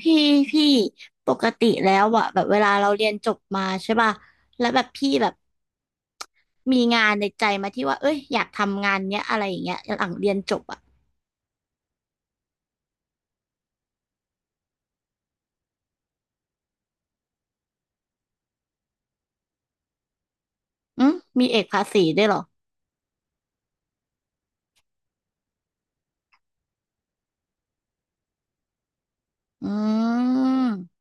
พี่พี่ปกติแล้วอะแบบเวลาเราเรียนจบมาใช่ป่ะแล้วแบบพี่แบบมีงานในใจมาที่ว่าเอ้ยอยากทำงานเนี้ยอะไรอย่างเงี้ยหลังเรียนจบอะอืมมีเอกภาษีด้วยเหรออืม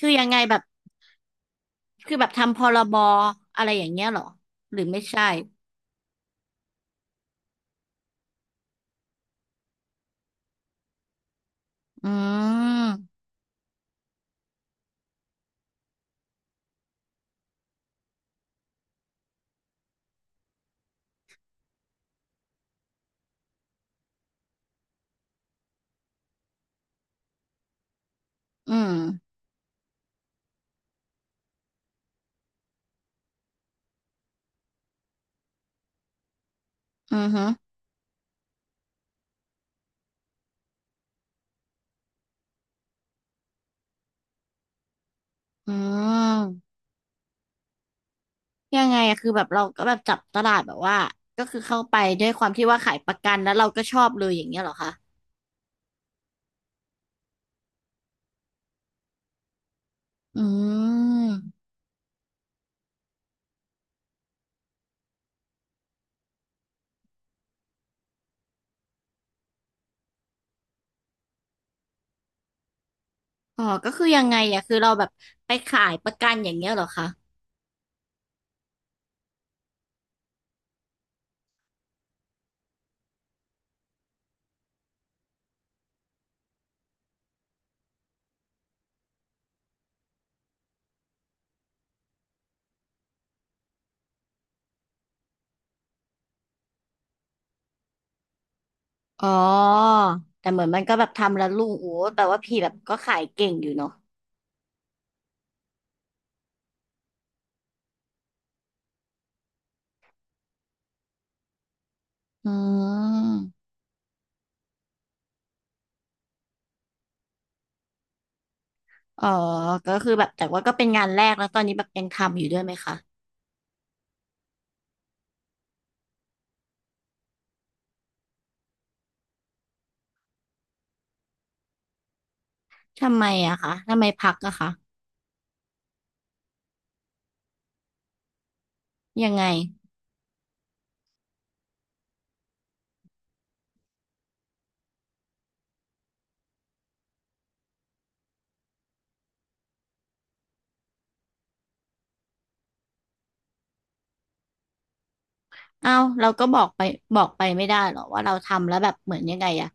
คือยังไงแบบคือแบบทำพรบอะไรอย่างเงี้ยเหรอหรือไม่ใช่อืมอืมอือฮึอืมยังไงอะคือแบบเราก็แบบจับตลาดแบบว่าก็คือเข้าไปด้วยความที่ว่าขายประกันแล้วเราก็ชอบเลยอย่างเงี้ยเหรอคะอืม อ๋อก็คือยังไงอะคือเราแบบไปขายประกันอย่างเงี้ยเหรอคะอ๋อแต่เหมือนมันก็แบบทำแล้วลุงโอ้แปลว่าพี่แบบก็ขายเก่งอยู่เนาะอืมอ๋อก็คือแบบแต่ว่าก็เป็นงานแรกแล้วตอนนี้แบบยังทำอยู่ด้วยไหมคะทำไมอะคะทำไมพักอะคะยังไงเอ้าเราก็บอกไปบอกไปไม่ได้เหรอว่าเราทำแล้วแบบเหมือนยังไงอะ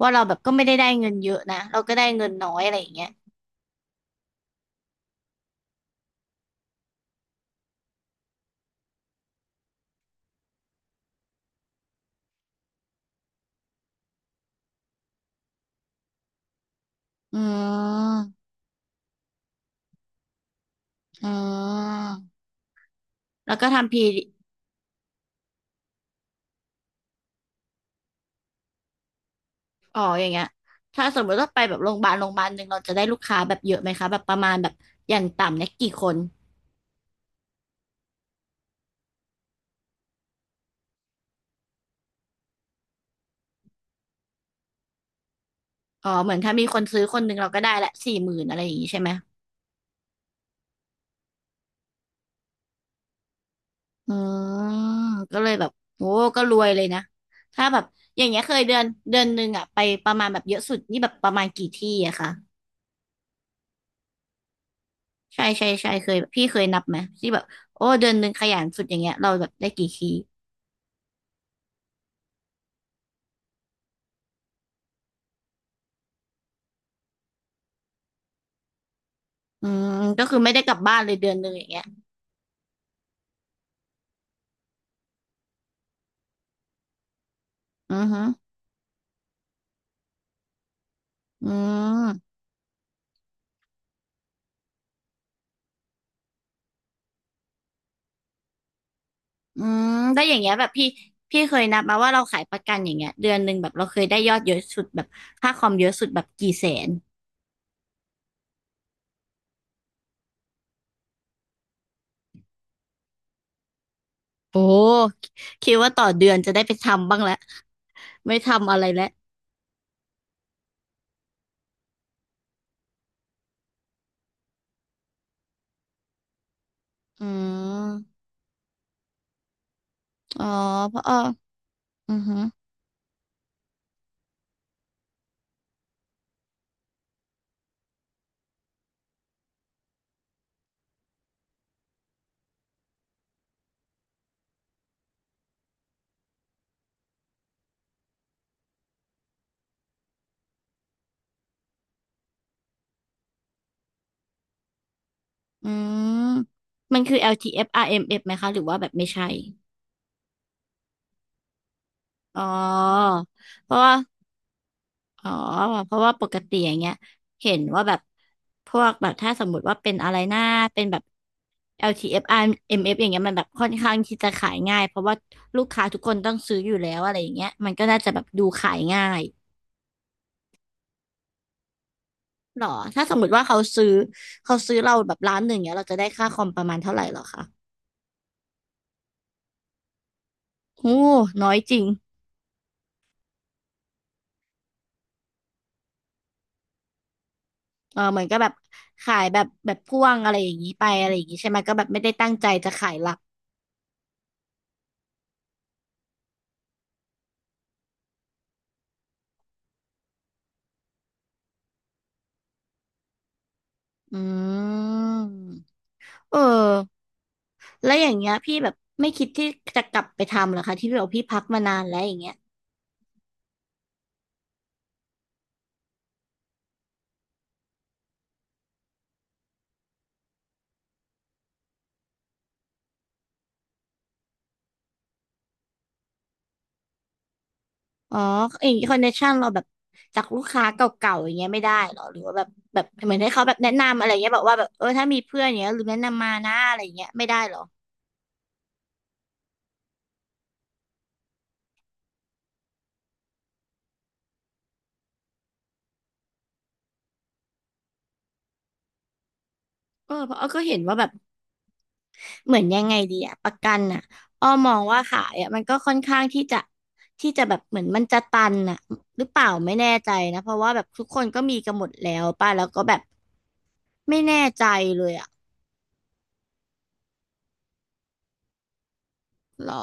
ว่าเราแบบก็ไม่ได้ได้เงินเยอะนะเราก็ได้เงินน้อยอะไรอย่างเงี้ยอืมอืมแล้วก็ทำพี อ๋ออย่างเงี้ยถ้าสมมติว่าไปแบบโรงพยาบาลโรงพยาบาลหนึ่งเราจะได้ลูกค้าแบบเยอะไหมคะแบบประมาณแบบอย่างต่ำเนี่ยกี่คนอ๋อเหมือนถ้ามีคนซื้อคนหนึ่งเราก็ได้ละสี่หมื่นอะไรอย่างงี้ใช่ไหมอืมก็เลยแบบโอ้ก็รวยเลยนะถ้าแบบอย่างเงี้ยเคยเดือนเดือนหนึ่งอะไปประมาณแบบเยอะสุดนี่แบบประมาณกี่ที่อะคะใช่ใช่ใช่เคยพี่เคยนับไหมที่แบบโอ้เดือนหนึ่งขยันสุดอย่างเงี้ยเราแบบได้กี่ที่อืมก็คือไม่ได้กลับบ้านเลยเดือนหนึ่งอย่างเงี้ยอือฮึอืม อืมได้วอย่างเงี้ยแบบพี่พี่เคยนับมาว่าเราขายประกันอย่างเงี้ยเดือนหนึ่งแบบเราเคยได้ยอดเยอะสุดแบบค่าคอมเยอะสุดแบบกี่แสนโอ้คิดว่าต่อเดือนจะได้ไปทำบ้างแล้วไม่ทำอะไรแล้วอืมอ๋อเพราะอออือหืออืมมันคือ LTF RMF ไหมคะหรือว่าแบบไม่ใช่อ๋อเพราะว่า อ๋อเพราะว่าปกติอย่างเงี้ยเห็นว่าแบบพวกแบบถ้าสมมุติว่าเป็นอะไรหน้าเป็นแบบ LTF RMF อฟอาร์เอ็มเอฟอย่างเงี้ยมันแบบค่อนข้างที่จะขายง่ายเพราะว่าลูกค้าทุกคนต้องซื้ออยู่แล้วอะไรอย่างเงี้ยมันก็น่าจะแบบดูขายง่ายหรอถ้าสมมุติว่าเขาซื้อเขาซื้อเราแบบล้านหนึ่งเงี้ยเราจะได้ค่าคอมประมาณเท่าไหร่หรอคะโอ้น้อยจริงเออเหมือนก็แบบขายแบบแบบพ่วงอะไรอย่างงี้ไปอะไรอย่างงี้ใช่ไหมก็แบบไม่ได้ตั้งใจจะขายหลักอืมเออ แล้วอย่างเงี้ยพี่แบบไม่คิดที่จะกลับไปทำเหรอคะที่พี่บอกพี่พักมานานแล้วอย่างเงี้ยอ๋อเองคอนเนคชั่นเราแบบจากลูกค้าเก่าๆอย่างเงี้ยไม่ได้เหรอหรือว่าแบบแบบเหมือนให้เขาแบบแนะนำอะไรเงี้ยบอกว่าแบบเออถ้ามีเพื่อนอย่างเงี้ยหรือแนะนำมานะอะไรอย่างเงี้ยไม่ได้เหรอเออเพราะอ้อก็เห็นว่าแบบเหมือนยังไงดีอะประกันอะอ้อมองว่าขายอะมันก็ค่อนข้างที่จะที่จะแบบเหมือนมันจะตันอะหรือเปล่าไม่แน่ใจนะเพราะว่าแบบทุกคนก็มีกันหมดแล้วป่ะแล้วก็แบบไม่แน่ใจเลยอะเหรอ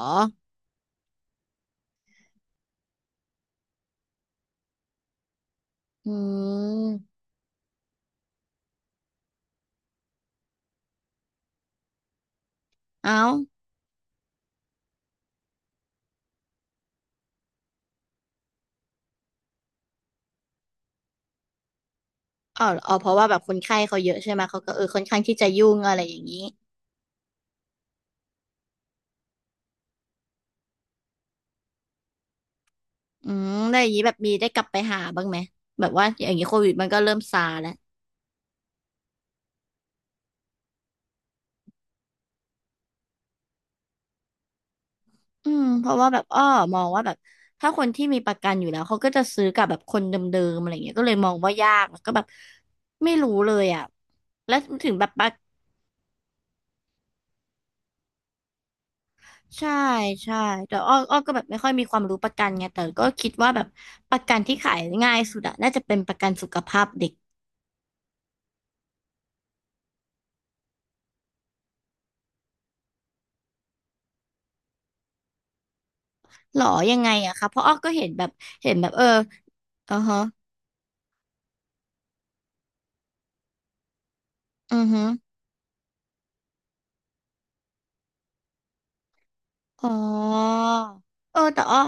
อืมเอ้าอ๋ออ๋อเพราะว่าแบบคนไข้เขาเยอะใช่ไหมเขาก็เออค่อนข้างที่จะยุ่งอะไรอย่างนี้อืมแล้วอย่างนี้แบบมีได้กลับไปหาบ้างไหมแบบว่าอย่างนี้โควิดมันก็เริ่มซาแล้วอืมเพราะว่าแบบอ้อมองว่าแบบถ้าคนที่มีประกันอยู่แล้วเขาก็จะซื้อกับแบบคนเดิมๆอะไรเงี้ยก็เลยมองว่ายากแล้วก็แบบไม่รู้เลยอ่ะแล้วถึงแบบประใช่ใช่แต่อ้ออ้อก็แบบไม่ค่อยมีความรู้ประกันไงแต่ก็คิดว่าแบบประกันที่ขายง่ายสุดอะน่าจะเป็นประกันสุขภาพเด็ก หรอยังไงอะคะเพราะอ้อก็เห็นแบบเห็นแบบเอออือฮะอือฮึอ๋อเออแต่อ้อ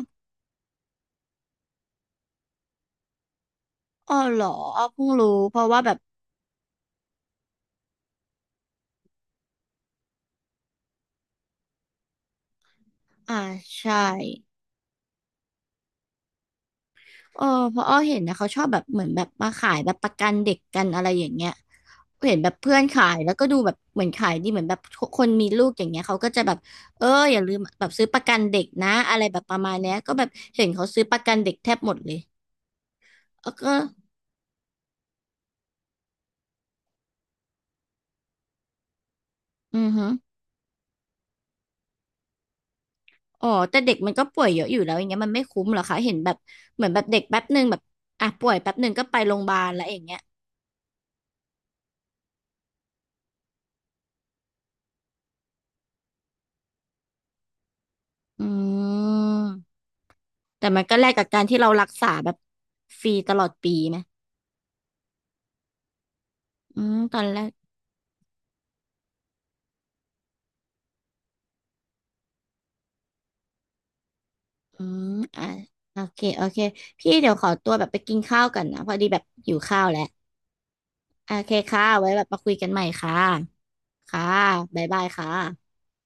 อ้อหรออ้อเพิ่งรู้เพราะว่าแบบอ่าใช่เออเพราะอ้อเห็นนะเขาชอบแบบเหมือนแบบมาขายแบบประกันเด็กกันอะไรอย่างเงี้ยเห็นแบบเพื่อนขายแล้วก็ดูแบบเหมือนขายดีเหมือนแบบคนมีลูกอย่างเงี้ยเขาก็จะแบบเอออย่าลืมแบบซื้อประกันเด็กนะอะไรแบบประมาณเนี้ยก็แบบเห็นเขาซื้อประกันเด็กแทบหมดเลยเออก็อือฮึ อ๋อแต่เด็กมันก็ป่วยเยอะอยู่แล้วอย่างเงี้ยมันไม่คุ้มเหรอคะเห็นแบบเหมือนแบบเด็กแป๊บหนึ่งแบบอ่ะป่วยแป๊บหนึ่งก็ไปโรงพยาบาลแล้วอย่างเงี้ยอืมแต่มันก็แลกกับการที่เรารักษาแบบฟรีตลอดปีไหมอืมตอนแรกอืมอ่ะโอเคโอเคพี่เดี๋ยวขอตัวแบบไปกินข้าวกันนะพอดีแบบหิวข้าวแล้วโอเคค่ะไว้แบบมาคุยกันใหม่ค่ะค่ะบ๊ายบายค่ะ